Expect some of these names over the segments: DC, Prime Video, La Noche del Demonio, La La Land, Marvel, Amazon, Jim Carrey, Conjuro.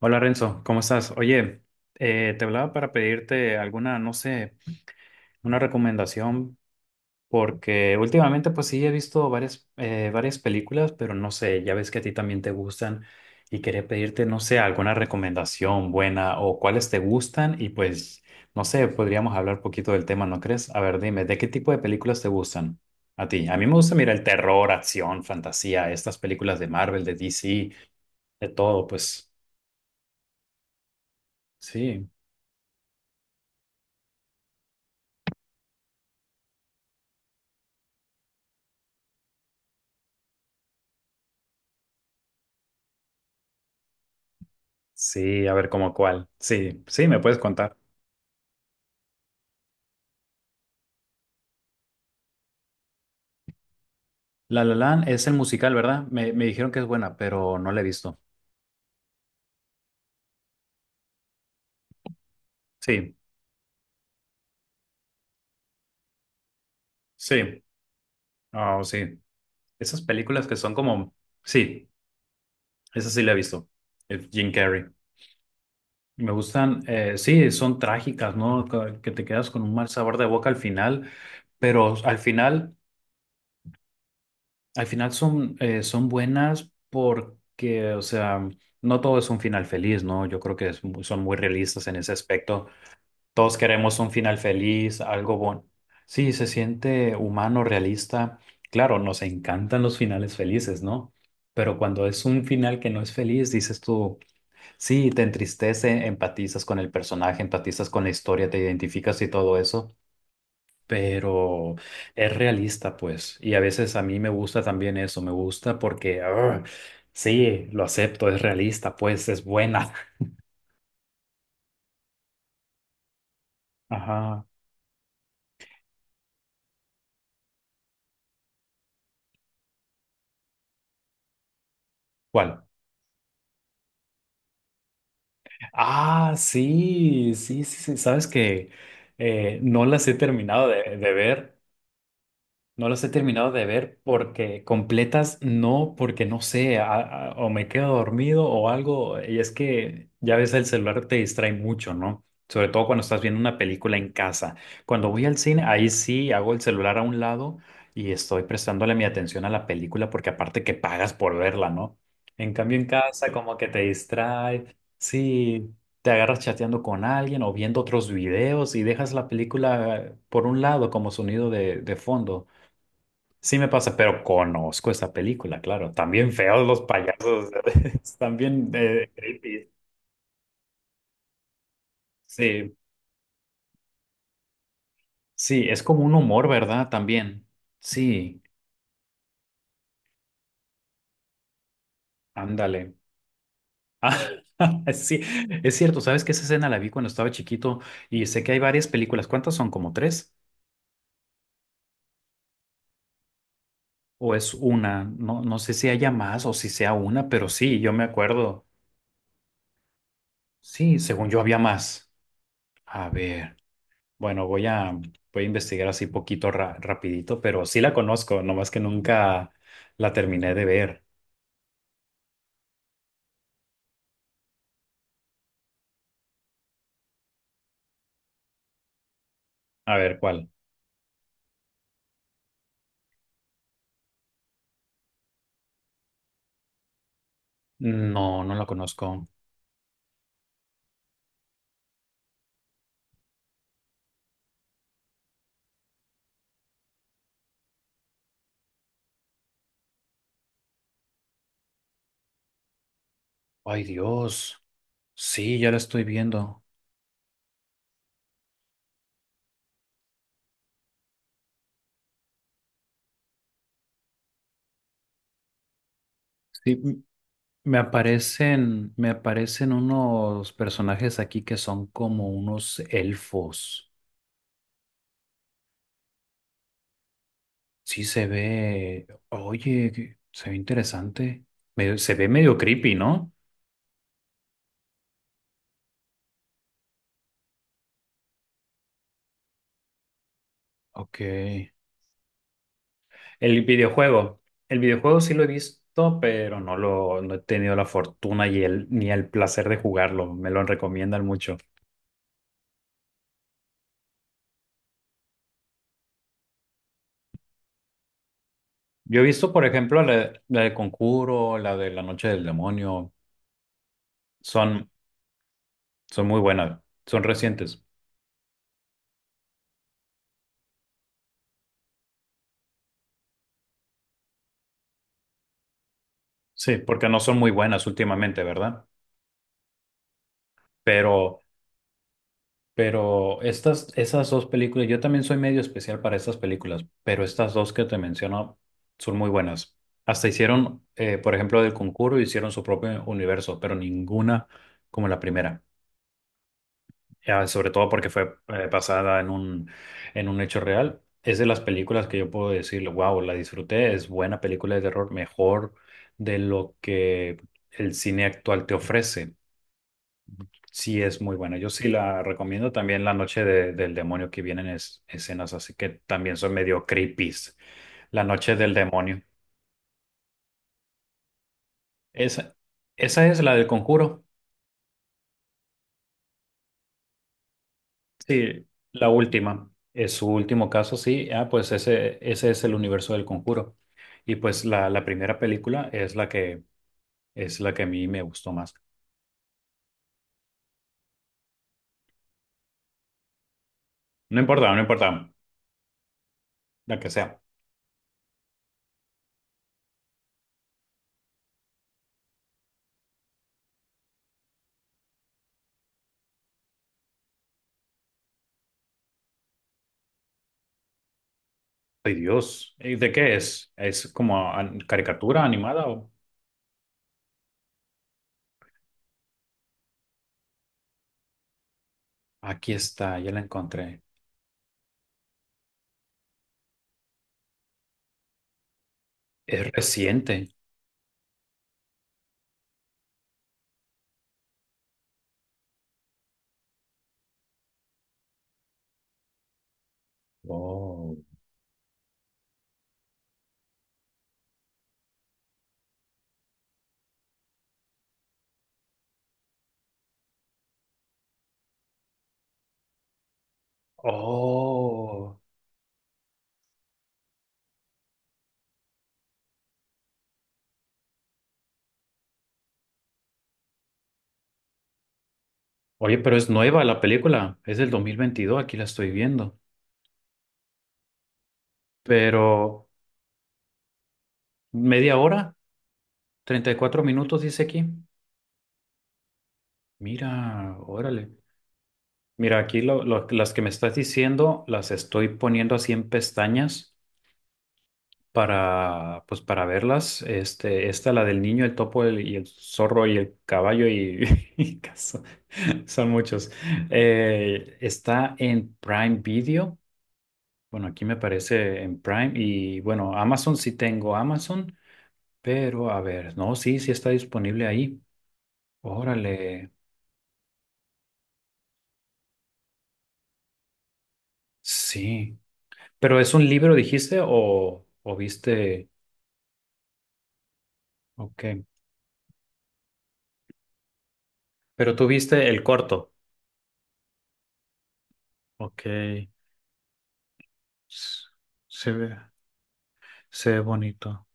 Hola Renzo, ¿cómo estás? Oye, te hablaba para pedirte alguna, no sé, una recomendación, porque últimamente pues sí he visto varias, varias películas, pero no sé, ya ves que a ti también te gustan y quería pedirte, no sé, alguna recomendación buena o cuáles te gustan y pues, no sé, podríamos hablar un poquito del tema, ¿no crees? A ver, dime, ¿de qué tipo de películas te gustan a ti? A mí me gusta, mira, el terror, acción, fantasía, estas películas de Marvel, de DC, de todo, pues sí. Sí, a ver cómo cuál. Sí, sí, me puedes contar. La La Land es el musical, ¿verdad? Me dijeron que es buena, pero no la he visto. Sí, sí, oh, sí. Esas películas que son como, sí, esa sí la he visto. Jim Carrey. Me gustan, sí, son trágicas, ¿no? Que te quedas con un mal sabor de boca al final, pero al final son, son buenas porque, o sea, no todo es un final feliz, ¿no? Yo creo que es son muy realistas en ese aspecto. Todos queremos un final feliz, algo bueno. Sí, se siente humano, realista. Claro, nos encantan los finales felices, ¿no? Pero cuando es un final que no es feliz, dices tú, sí, te entristece, empatizas con el personaje, empatizas con la historia, te identificas y todo eso, pero es realista, pues. Y a veces a mí me gusta también eso, me gusta porque, ah, sí, lo acepto, es realista, pues, es buena. Ajá. ¿Cuál? Ah, sí, sí, sí, sí. Sabes que no las he terminado de ver. No los he terminado de ver porque completas no, porque no sé, o me quedo dormido o algo. Y es que ya ves, el celular te distrae mucho, ¿no? Sobre todo cuando estás viendo una película en casa. Cuando voy al cine, ahí sí hago el celular a un lado y estoy prestándole mi atención a la película porque aparte que pagas por verla, ¿no? En cambio en casa como que te distrae, sí, te agarras chateando con alguien o viendo otros videos y dejas la película por un lado como sonido de fondo. Sí me pasa, pero conozco esa película, claro. También feos los payasos, están bien creepy. Sí, sí, es como un humor, ¿verdad? También. Sí, ándale. Ah, sí, es cierto, ¿sabes que esa escena la vi cuando estaba chiquito y sé que hay varias películas. ¿Cuántas son? ¿Como tres? ¿O es una? No, no sé si haya más o si sea una, pero sí, yo me acuerdo. Sí, según yo había más. A ver. Bueno, voy a investigar así poquito rapidito, pero sí la conozco, nomás que nunca la terminé de ver. A ver, ¿cuál? No, no la conozco. Ay, Dios. Sí, ya la estoy viendo. Sí, me aparecen unos personajes aquí que son como unos elfos. Sí, se ve. Oye, se ve interesante. Se ve medio creepy, ¿no? Ok. El videojuego. El videojuego sí lo he visto, pero no he tenido la fortuna y el, ni el placer de jugarlo. Me lo recomiendan mucho. Yo he visto, por ejemplo, la de Conjuro, la de La Noche del Demonio. Son, son muy buenas. Son recientes. Sí, porque no son muy buenas últimamente, ¿verdad? Pero Pero estas, esas dos películas, yo también soy medio especial para estas películas, pero estas dos que te menciono son muy buenas. Hasta hicieron, por ejemplo, del concurso, hicieron su propio universo, pero ninguna como la primera. Ya, sobre todo porque fue basada en un hecho real. Es de las películas que yo puedo decir, wow, la disfruté, es buena película de terror, mejor de lo que el cine actual te ofrece. Sí, es muy buena. Yo sí la recomiendo. También La Noche del Demonio, que vienen escenas así que también son medio creepies. La Noche del Demonio. Esa, esa es la del Conjuro. Sí, la última. Es su último caso, sí. Ah, pues ese es el universo del Conjuro. Y pues la primera película es la que a mí me gustó más. No importa, no importa, la que sea. Ay, Dios. ¿Y ¿De qué es? ¿Es como caricatura animada o...? Aquí está, ya la encontré. Es reciente. Oh, Oh. Oye, pero es nueva la película. Es del 2022. Aquí la estoy viendo. Pero media hora, 34 minutos dice aquí. Mira, órale. Mira, aquí las que me estás diciendo las estoy poniendo así en pestañas para, pues para verlas. Este, esta, la del niño, el topo, y el zorro y el caballo y, y son muchos. Está en Prime Video Bueno, aquí me parece en Prime y bueno, Amazon sí tengo Amazon, pero a ver, no, sí, sí está disponible ahí. Órale, sí. Pero es un libro, dijiste, o viste, ok. Pero tú viste el corto. Ok, se ve, se ve bonito.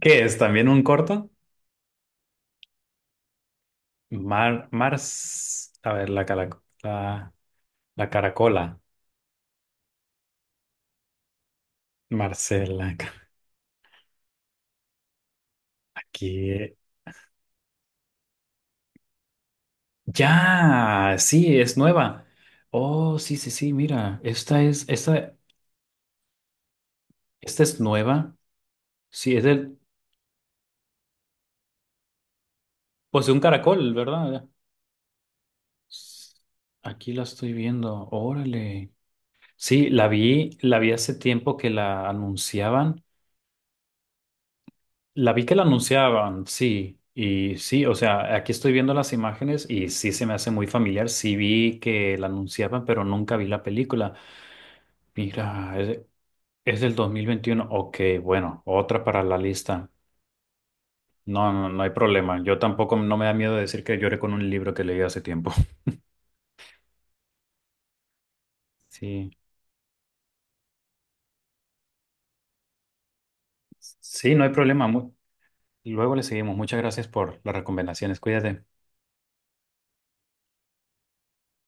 ¿Qué es? ¿También un corto? Mar, Mars, a ver, la, la caracola. Marcela, aquí. Ya, sí, es nueva. Oh, sí, sí, sí, mira, esta es, esta es nueva. Sí, es del, pues de un caracol, ¿verdad? S- Aquí la estoy viendo. Órale. Sí, la vi hace tiempo que la anunciaban. La vi que la anunciaban, sí. Y sí, o sea, aquí estoy viendo las imágenes y sí se me hace muy familiar. Sí vi que la anunciaban, pero nunca vi la película. Mira, es del 2021. Ok, bueno, otra para la lista. No, no, no hay problema. Yo tampoco no me da miedo decir que lloré con un libro que leí hace tiempo. Sí, sí, no hay problema. Luego le seguimos. Muchas gracias por las recomendaciones. Cuídate.